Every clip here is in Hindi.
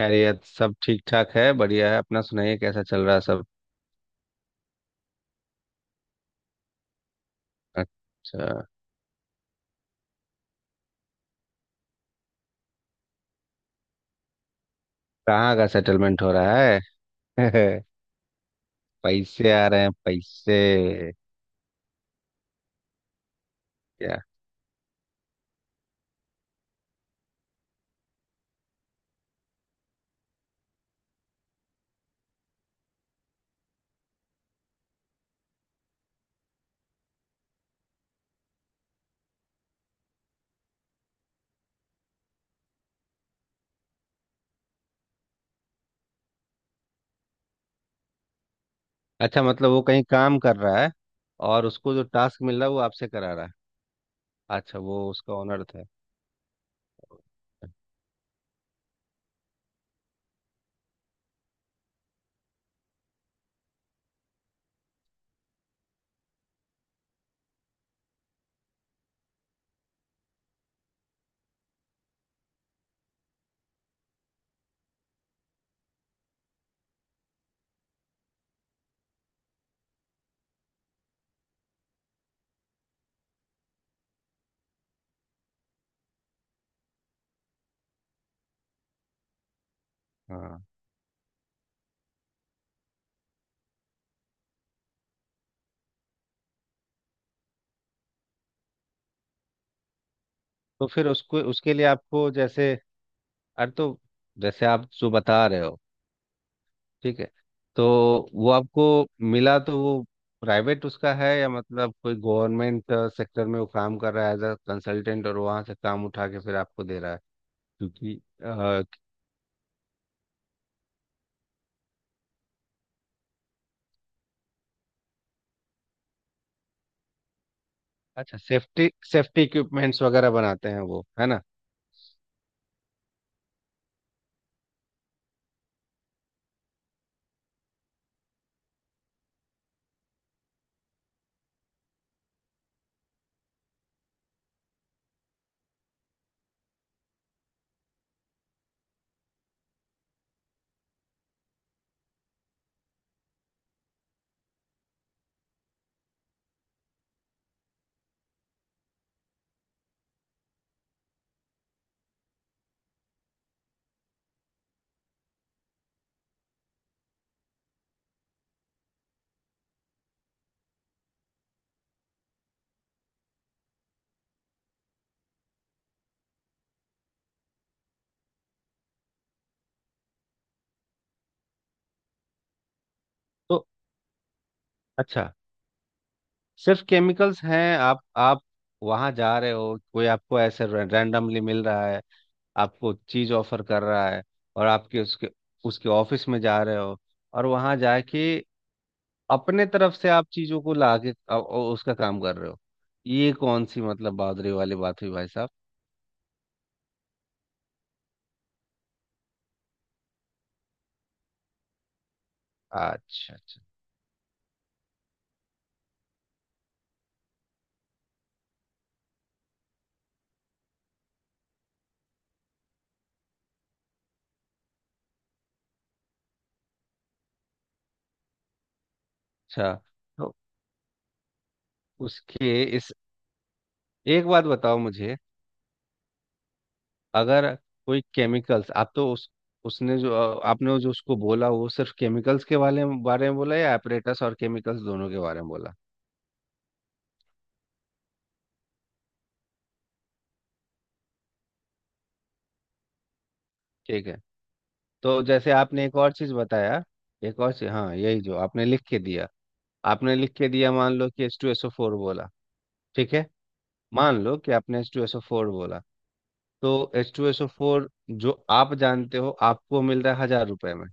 खैरियत सब ठीक ठाक है बढ़िया है अपना सुनाइए कैसा चल रहा है सब। अच्छा। कहाँ का सेटलमेंट हो रहा है? पैसे आ रहे हैं पैसे। क्या? अच्छा मतलब वो कहीं काम कर रहा है? और उसको जो टास्क मिल रहा है वो आपसे करा रहा है? अच्छा वो उसका ऑनर था। हाँ तो फिर उसको उसके लिए आपको जैसे अरे तो जैसे आप जो बता रहे हो। ठीक है। तो वो आपको मिला तो वो प्राइवेट उसका है या मतलब कोई गवर्नमेंट सेक्टर में वो काम कर रहा है एज अ कंसल्टेंट और वहाँ से काम उठा के फिर आपको दे रहा है? क्योंकि अ, अच्छा सेफ्टी सेफ्टी इक्विपमेंट्स वगैरह बनाते हैं वो है ना? तो अच्छा सिर्फ केमिकल्स हैं? आप वहाँ जा रहे हो कोई आपको ऐसे रैंडमली मिल रहा है आपको चीज़ ऑफर कर रहा है और आपके उसके उसके ऑफिस में जा रहे हो और वहाँ जाके अपने तरफ से आप चीजों को ला के उसका काम कर रहे हो। ये कौन सी मतलब बादरे वाली बात हुई भाई साहब? अच्छा अच्छा अच्छा। तो उसके इस एक बात बताओ मुझे। अगर कोई केमिकल्स आप तो उस उसने जो आपने जो उसको बोला वो सिर्फ केमिकल्स के बारे में बोला या एपरेटस और केमिकल्स दोनों के बारे में बोला? ठीक है। तो जैसे आपने एक और चीज बताया एक और चीज। हाँ यही जो आपने लिख के दिया। आपने लिख के दिया मान लो कि H two S O four बोला। ठीक है। मान लो कि आपने H two S O four बोला। तो H two S O four जो आप जानते हो आपको मिल रहा है हजार रुपए में।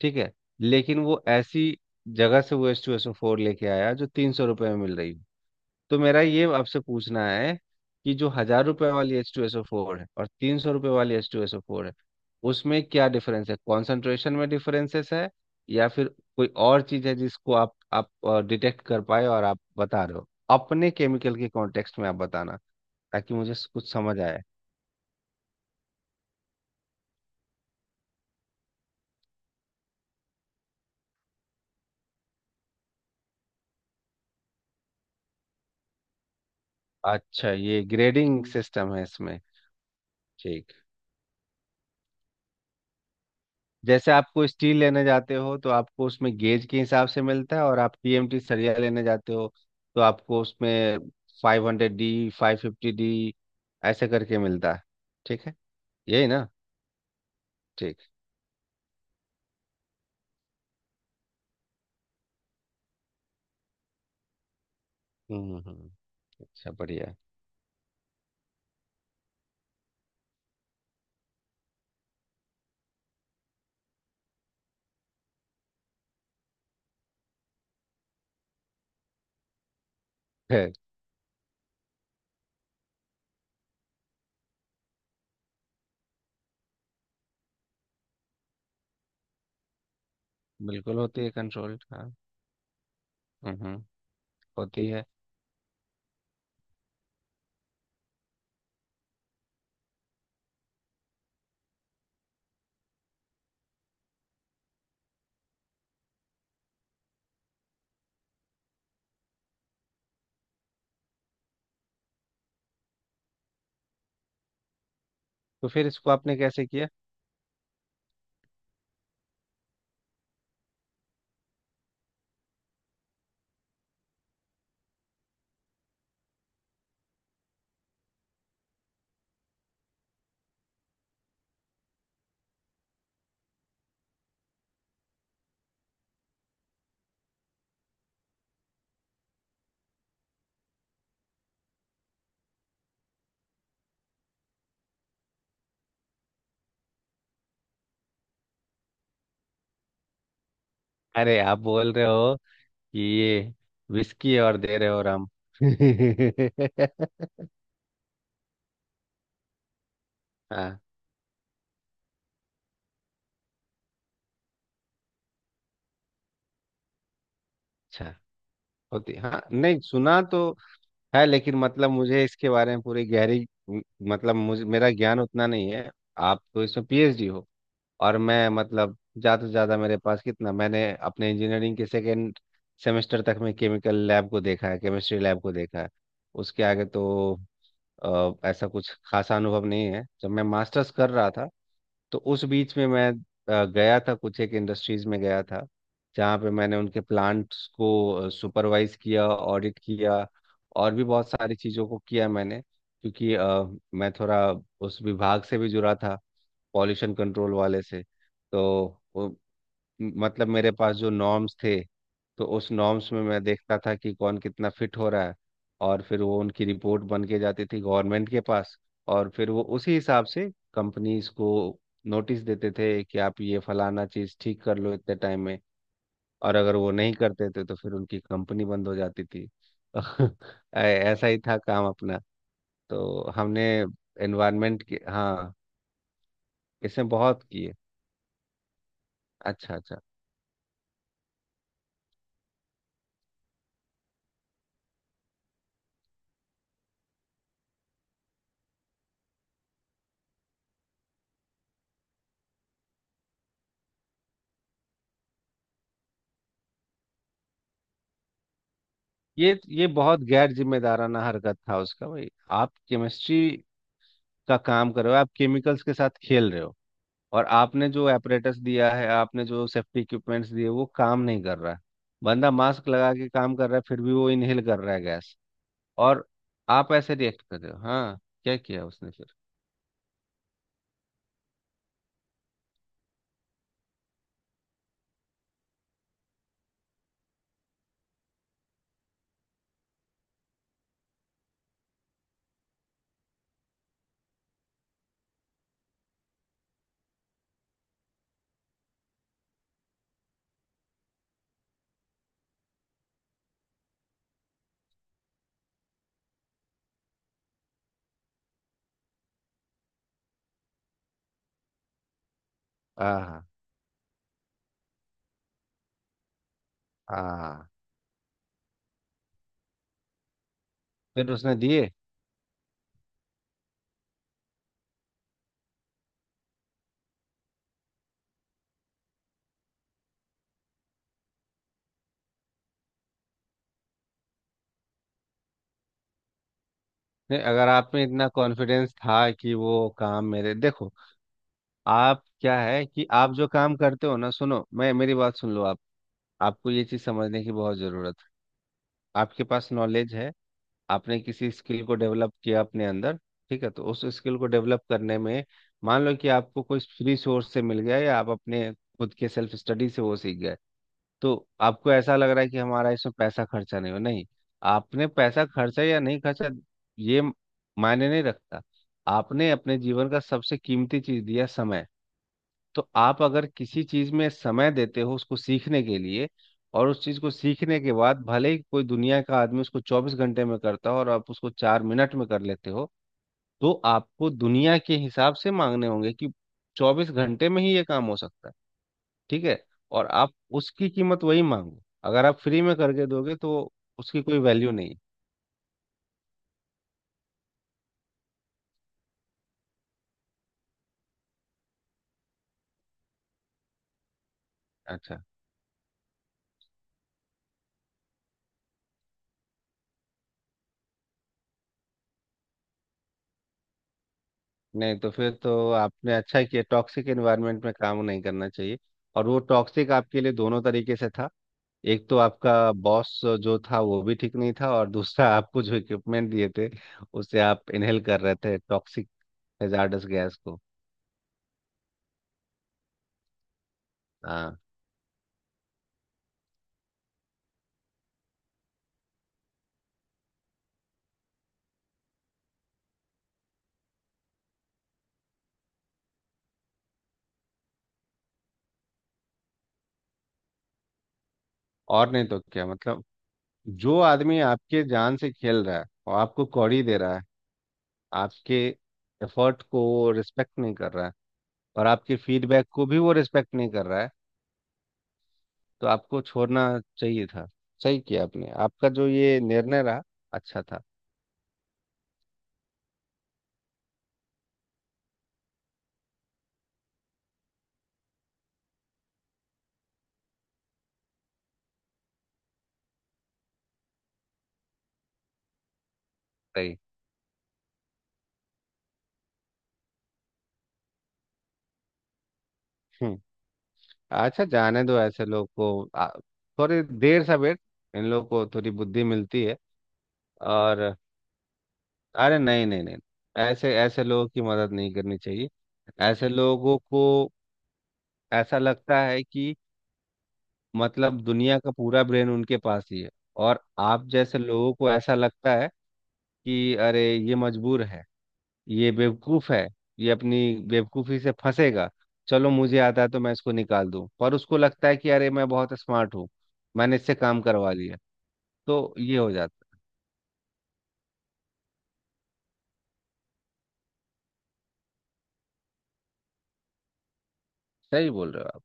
ठीक है। लेकिन वो ऐसी जगह से वो H two S O four लेके आया जो तीन सौ रुपए में मिल रही हो। तो मेरा ये आपसे पूछना है कि जो हजार रुपए वाली H two S O four है और तीन सौ रुपए वाली H two S O four है उसमें क्या डिफरेंस है? कॉन्सेंट्रेशन में डिफरेंसेस है या फिर कोई और चीज है जिसको आप डिटेक्ट कर पाए और आप बता रहे हो अपने केमिकल के कॉन्टेक्स्ट में आप बताना ताकि मुझे कुछ समझ आए। अच्छा ये ग्रेडिंग सिस्टम है इसमें? ठीक। जैसे आपको स्टील लेने जाते हो तो आपको उसमें गेज के हिसाब से मिलता है और आप टीएमटी सरिया लेने जाते हो तो आपको उसमें five hundred D five fifty D ऐसे करके मिलता है। ठीक है यही ना? ठीक। हम्म। अच्छा बढ़िया है। बिल्कुल होती है कंट्रोल हाँ। हम्म, हम्म। होती है। तो फिर इसको आपने कैसे किया? अरे आप बोल रहे हो कि ये विस्की और दे रहे हो राम। हाँ अच्छा। होती हाँ नहीं सुना तो है लेकिन मतलब मुझे इसके बारे में पूरी गहरी मतलब मुझे मेरा ज्ञान उतना नहीं है। आप तो इसमें पीएचडी हो और मैं मतलब ज़्यादा से ज़्यादा मेरे पास कितना मैंने अपने इंजीनियरिंग के सेकेंड सेमेस्टर तक में केमिकल लैब को देखा है केमिस्ट्री लैब को देखा है। उसके आगे तो ऐसा कुछ खासा अनुभव नहीं है। जब मैं मास्टर्स कर रहा था तो उस बीच में मैं गया था कुछ एक इंडस्ट्रीज में गया था जहाँ पे मैंने उनके प्लांट्स को सुपरवाइज किया ऑडिट किया और भी बहुत सारी चीज़ों को किया मैंने क्योंकि मैं थोड़ा उस विभाग से भी जुड़ा था पॉल्यूशन कंट्रोल वाले से। तो वो मतलब मेरे पास जो नॉर्म्स थे तो उस नॉर्म्स में मैं देखता था कि कौन कितना फिट हो रहा है और फिर वो उनकी रिपोर्ट बन के जाती थी गवर्नमेंट के पास और फिर वो उसी हिसाब से कंपनीज को नोटिस देते थे कि आप ये फलाना चीज़ ठीक कर लो इतने टाइम में और अगर वो नहीं करते थे तो फिर उनकी कंपनी बंद हो जाती थी। ऐसा ही था काम अपना। तो हमने एनवायरनमेंट के हाँ इसमें बहुत किए। अच्छा अच्छा। ये बहुत गैर जिम्मेदाराना हरकत था उसका भाई। आप केमिस्ट्री का काम कर रहे हो आप केमिकल्स के साथ खेल रहे हो और आपने जो एपरेटस दिया है आपने जो सेफ्टी इक्विपमेंट्स दिए वो काम नहीं कर रहा है। बंदा मास्क लगा के काम कर रहा है फिर भी वो इनहेल कर रहा है गैस। और आप ऐसे रिएक्ट कर रहे हो हाँ। क्या किया उसने फिर? हाँ हाँ। फिर उसने दिए? नहीं अगर आप में इतना कॉन्फिडेंस था कि वो काम मेरे देखो आप क्या है कि आप जो काम करते हो ना सुनो मैं मेरी बात सुन लो आप। आपको ये चीज़ समझने की बहुत ज़रूरत है। आपके पास नॉलेज है। आपने किसी स्किल को डेवलप किया अपने अंदर। ठीक है तो उस स्किल को डेवलप करने में मान लो कि आपको कोई फ्री सोर्स से मिल गया या आप अपने खुद के सेल्फ स्टडी से वो सीख गए तो आपको ऐसा लग रहा है कि हमारा इसमें पैसा खर्चा नहीं हो नहीं आपने पैसा खर्चा या नहीं खर्चा ये मायने नहीं रखता। आपने अपने जीवन का सबसे कीमती चीज़ दिया समय। तो आप अगर किसी चीज में समय देते हो उसको सीखने के लिए और उस चीज को सीखने के बाद भले ही कोई दुनिया का आदमी उसको चौबीस घंटे में करता हो और आप उसको चार मिनट में कर लेते हो तो आपको दुनिया के हिसाब से मांगने होंगे कि चौबीस घंटे में ही ये काम हो सकता है। ठीक है और आप उसकी कीमत वही मांगो। अगर आप फ्री में करके दोगे तो उसकी कोई वैल्यू नहीं है। अच्छा। नहीं तो फिर तो आपने अच्छा किया टॉक्सिक एनवायरनमेंट में काम नहीं करना चाहिए। और वो टॉक्सिक आपके लिए दोनों तरीके से था। एक तो आपका बॉस जो था वो भी ठीक नहीं था और दूसरा आपको जो इक्विपमेंट दिए थे उससे आप इनहेल कर रहे थे टॉक्सिक हैजार्डस गैस को। हाँ। और नहीं तो क्या मतलब जो आदमी आपके जान से खेल रहा है और आपको कौड़ी दे रहा है आपके एफर्ट को रिस्पेक्ट नहीं कर रहा है। और आपके फीडबैक को भी वो रिस्पेक्ट नहीं कर रहा है। तो आपको छोड़ना चाहिए था। सही किया आपने आपका जो ये निर्णय रहा अच्छा था। सही। हम्म। अच्छा जाने दो ऐसे लोग को थोड़ी देर से वेट इन लोग को थोड़ी बुद्धि मिलती है। और अरे नहीं नहीं नहीं। ऐसे ऐसे लोगों की मदद नहीं करनी चाहिए। ऐसे लोगों को ऐसा लगता है कि मतलब दुनिया का पूरा ब्रेन उनके पास ही है और आप जैसे लोगों को ऐसा लगता है कि अरे ये मजबूर है ये बेवकूफ है ये अपनी बेवकूफी से फंसेगा। चलो मुझे आता है तो मैं इसको निकाल दूं पर उसको लगता है कि अरे मैं बहुत स्मार्ट हूँ मैंने इससे काम करवा लिया। तो ये हो जाता है। सही बोल रहे हो आप।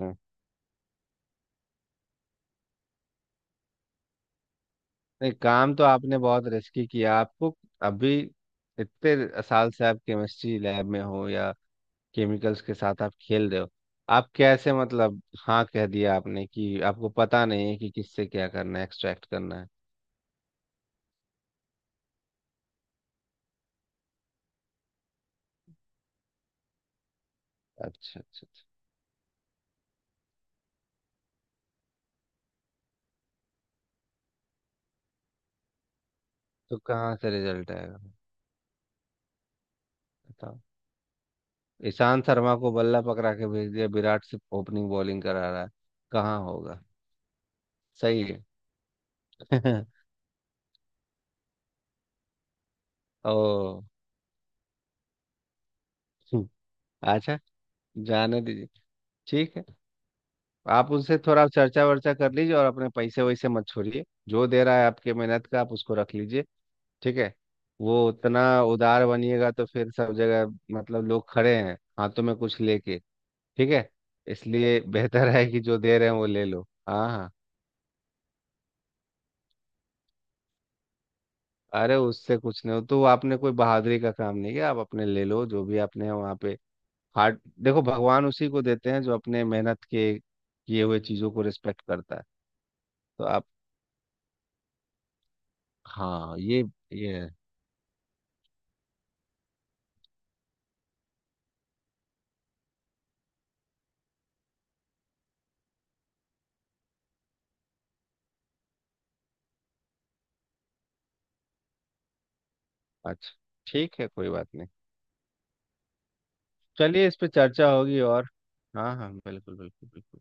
हम्म। नहीं काम तो आपने बहुत रिस्की किया। आपको अभी इतने साल से आप केमिस्ट्री लैब में हो या केमिकल्स के साथ आप खेल रहे हो। आप कैसे मतलब हाँ कह दिया आपने कि आपको पता नहीं है कि किससे क्या करना है एक्सट्रैक्ट करना है। अच्छा अच्छा अच्छा। तो कहाँ से रिजल्ट आएगा बताओ। ईशांत शर्मा को बल्ला पकड़ा के भेज दिया विराट से ओपनिंग बॉलिंग करा रहा है कहाँ होगा? सही है। ओ। अच्छा जाने दीजिए। ठीक है। आप उनसे थोड़ा चर्चा वर्चा कर लीजिए और अपने पैसे वैसे मत छोड़िए। जो दे रहा है आपके मेहनत का आप उसको रख लीजिए। ठीक है वो उतना उदार बनिएगा तो फिर सब जगह मतलब लोग खड़े हैं हाथों में कुछ लेके। ठीक है इसलिए बेहतर है कि जो दे रहे हैं वो ले लो हाँ हाँ। अरे उससे कुछ नहीं हो तो आपने कोई बहादुरी का काम नहीं किया आप अपने ले लो जो भी आपने वहाँ पे। हार्ड देखो भगवान उसी को देते हैं जो अपने मेहनत के किए हुए चीज़ों को रिस्पेक्ट करता है। तो आप हाँ ये अच्छा ठीक है कोई बात नहीं। चलिए इस पे चर्चा होगी और हाँ हाँ बिल्कुल बिल्कुल बिल्कुल।